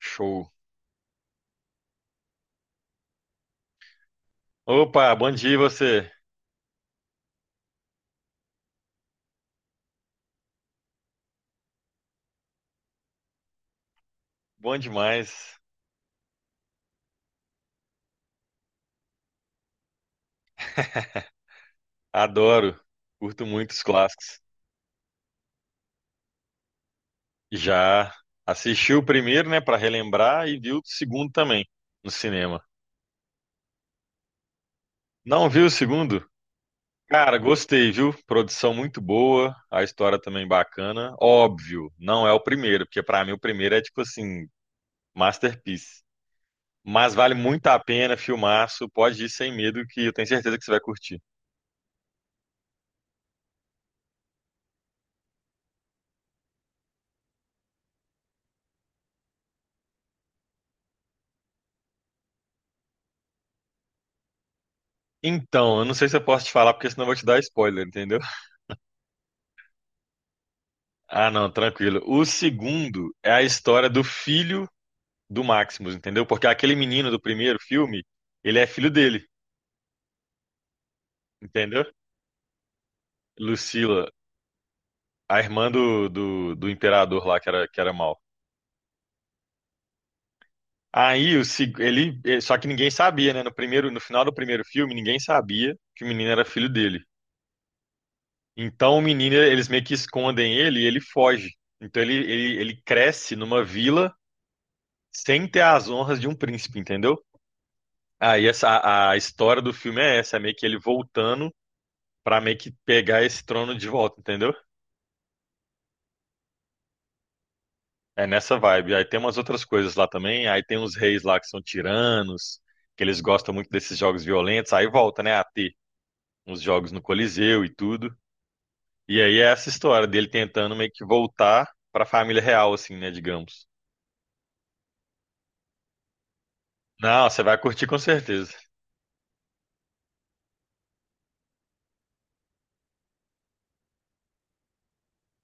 Show. Opa, bom dia e você. Bom demais. Adoro. Curto muito os clássicos. Já assisti o primeiro, né, pra relembrar e vi o segundo também no cinema. Não viu o segundo? Cara, gostei, viu? Produção muito boa, a história também bacana. Óbvio, não é o primeiro, porque pra mim o primeiro é tipo assim, masterpiece. Mas vale muito a pena, filmaço, pode ir sem medo que eu tenho certeza que você vai curtir. Então, eu não sei se eu posso te falar porque senão eu vou te dar spoiler, entendeu? Ah, não, tranquilo. O segundo é a história do filho do Maximus, entendeu? Porque aquele menino do primeiro filme, ele é filho dele, entendeu? Lucila, a irmã do imperador lá que era mal. Aí o, só que ninguém sabia, né? No primeiro, no final do primeiro filme, ninguém sabia que o menino era filho dele. Então o menino, eles meio que escondem ele e ele foge. Então ele cresce numa vila sem ter as honras de um príncipe, entendeu? Aí essa, a história do filme é essa, é meio que ele voltando pra meio que pegar esse trono de volta, entendeu? É nessa vibe. Aí tem umas outras coisas lá também, aí tem uns reis lá que são tiranos, que eles gostam muito desses jogos violentos, aí volta, né, a ter uns jogos no Coliseu e tudo. E aí é essa história dele tentando meio que voltar pra família real, assim, né, digamos. Não, você vai curtir com certeza.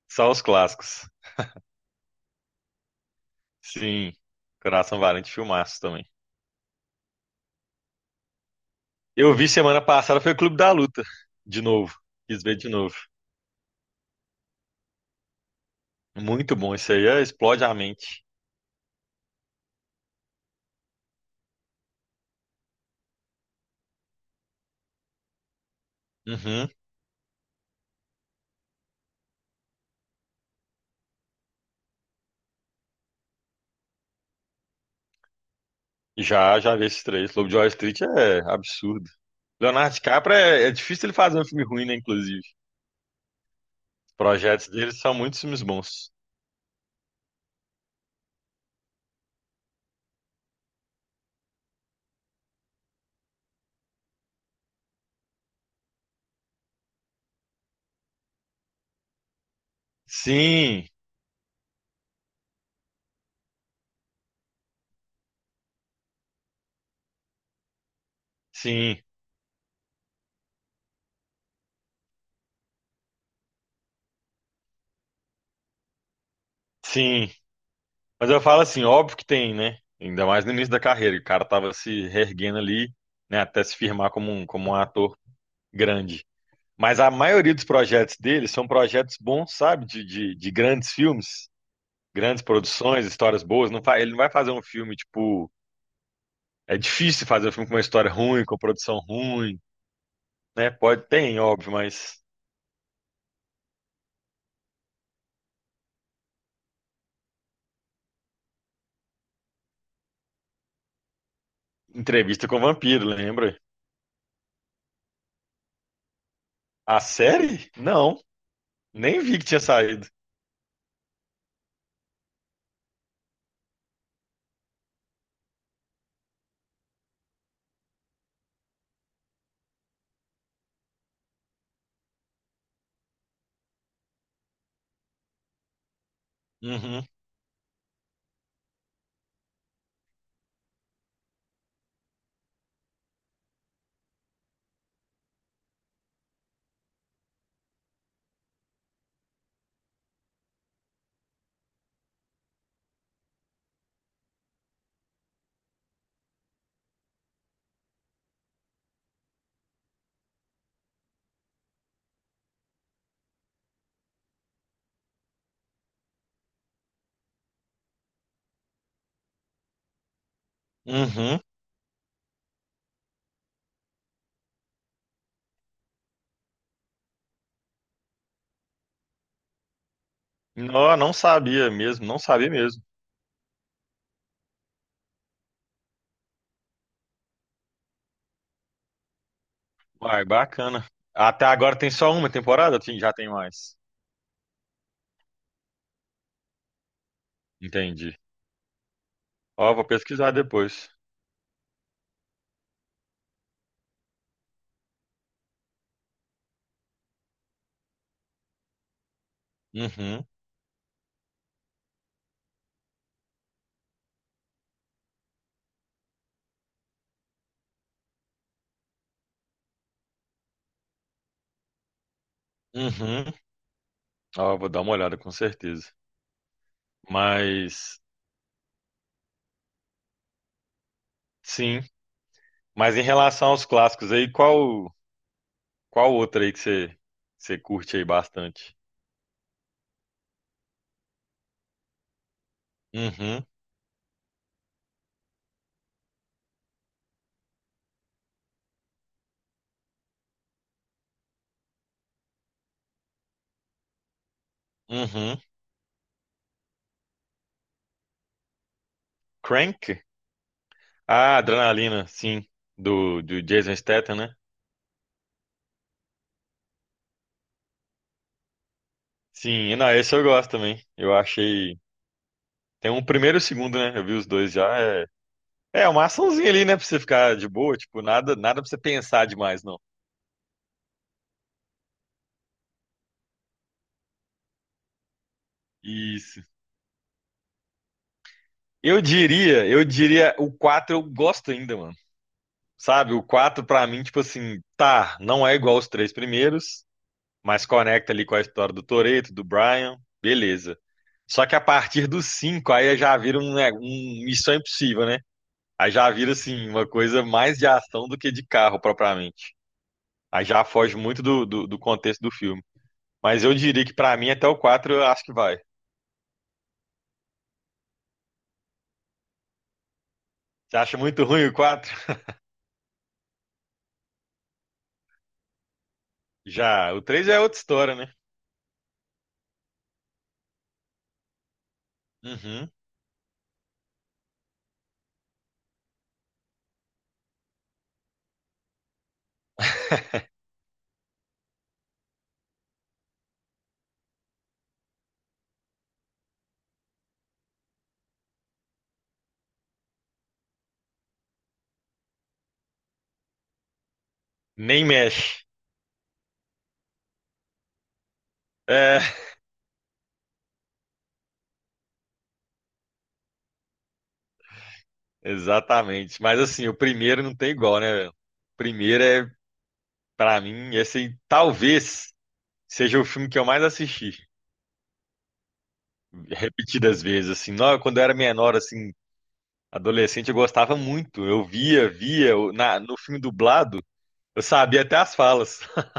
Só os clássicos. Sim, Coração Valente, filmaço também. Eu vi semana passada, foi o Clube da Luta, de novo. Quis ver de novo. Muito bom, isso aí é, explode a mente. Uhum. Já, já vi esses três. Lobo de Wall Street é absurdo. Leonardo DiCaprio é, é difícil ele fazer um filme ruim, né, inclusive. Os projetos dele são muitos filmes bons. Sim, sim, sim. Mas eu falo assim, óbvio que tem, né? Ainda mais no início da carreira, que o cara tava se reerguendo ali, né, até se firmar como como um ator grande. Mas a maioria dos projetos dele são projetos bons, sabe? De grandes filmes, grandes produções, histórias boas. Não fa- ele não vai fazer um filme, tipo. É difícil fazer um filme com uma história ruim, com produção ruim, né? Pode, tem, óbvio, mas. Entrevista com o Vampiro, lembra? A série? Não, nem vi que tinha saído. Uhum, uhum. Não, não sabia mesmo, não sabia mesmo. Uai, bacana. Até agora tem só uma temporada? Sim, já tem mais. Entendi. Ó, vou pesquisar depois. Uhum. Uhum. Ó, vou dar uma olhada com certeza. Mas sim. Mas em relação aos clássicos aí, qual qual outra aí que você curte aí bastante? Uhum. Uhum. Crank? Ah, Adrenalina, sim, do Jason Statham, né? Sim, e não, esse eu gosto também. Eu achei tem um primeiro e o segundo, né? Eu vi os dois já. É, é uma açãozinha ali, né, pra você ficar de boa, tipo, nada nada pra você pensar demais, não. Isso. Eu diria o 4 eu gosto ainda, mano. Sabe, o 4 pra mim, tipo assim, tá, não é igual os três primeiros, mas conecta ali com a história do Toreto, do Brian, beleza. Só que a partir do 5 aí já vira um, né, um Missão Impossível, né? Aí já vira, assim, uma coisa mais de ação do que de carro, propriamente. Aí já foge muito do contexto do filme. Mas eu diria que pra mim, até o 4 eu acho que vai. Você acha muito ruim o quatro? Já. O três é outra história, né? Uhum. Nem mexe. É... Exatamente. Mas assim, o primeiro não tem igual, né, velho? O primeiro é, pra mim, esse aí, talvez seja o filme que eu mais assisti, repetidas vezes, assim. Não, quando eu era menor, assim, adolescente, eu gostava muito. Eu via, via, eu- na, no filme dublado, eu sabia até as falas.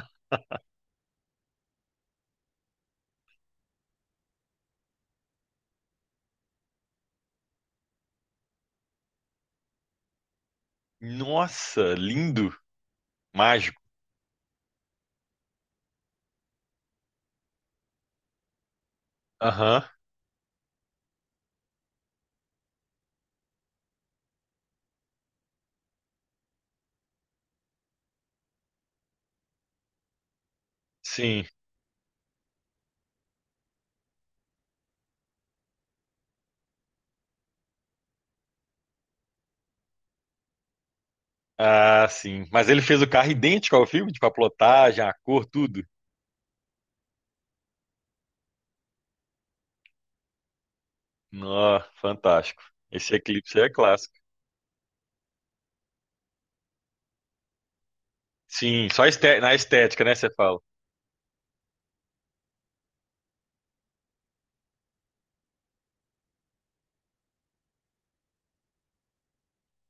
Nossa, lindo, mágico. Aham, sim. Ah, sim. Mas ele fez o carro idêntico ao filme, tipo a plotagem, a cor, tudo. Nó, fantástico. Esse Eclipse é clássico. Sim, só este- na estética, né, você fala.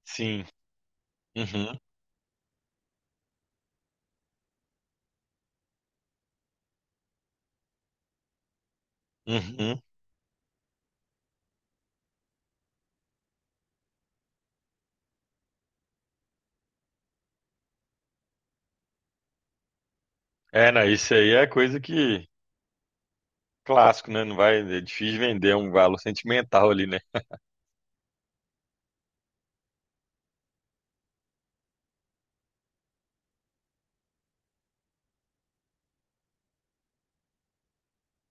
Sim. Uhum, uhum. É, não, isso aí é coisa que clássico, né? Não vai, é difícil vender um valor sentimental ali, né?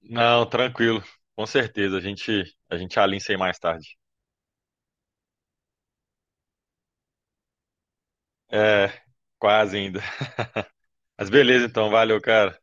Não, tranquilo. Com certeza, a gente alinha isso aí mais tarde. É, quase ainda. Mas beleza então, valeu, cara.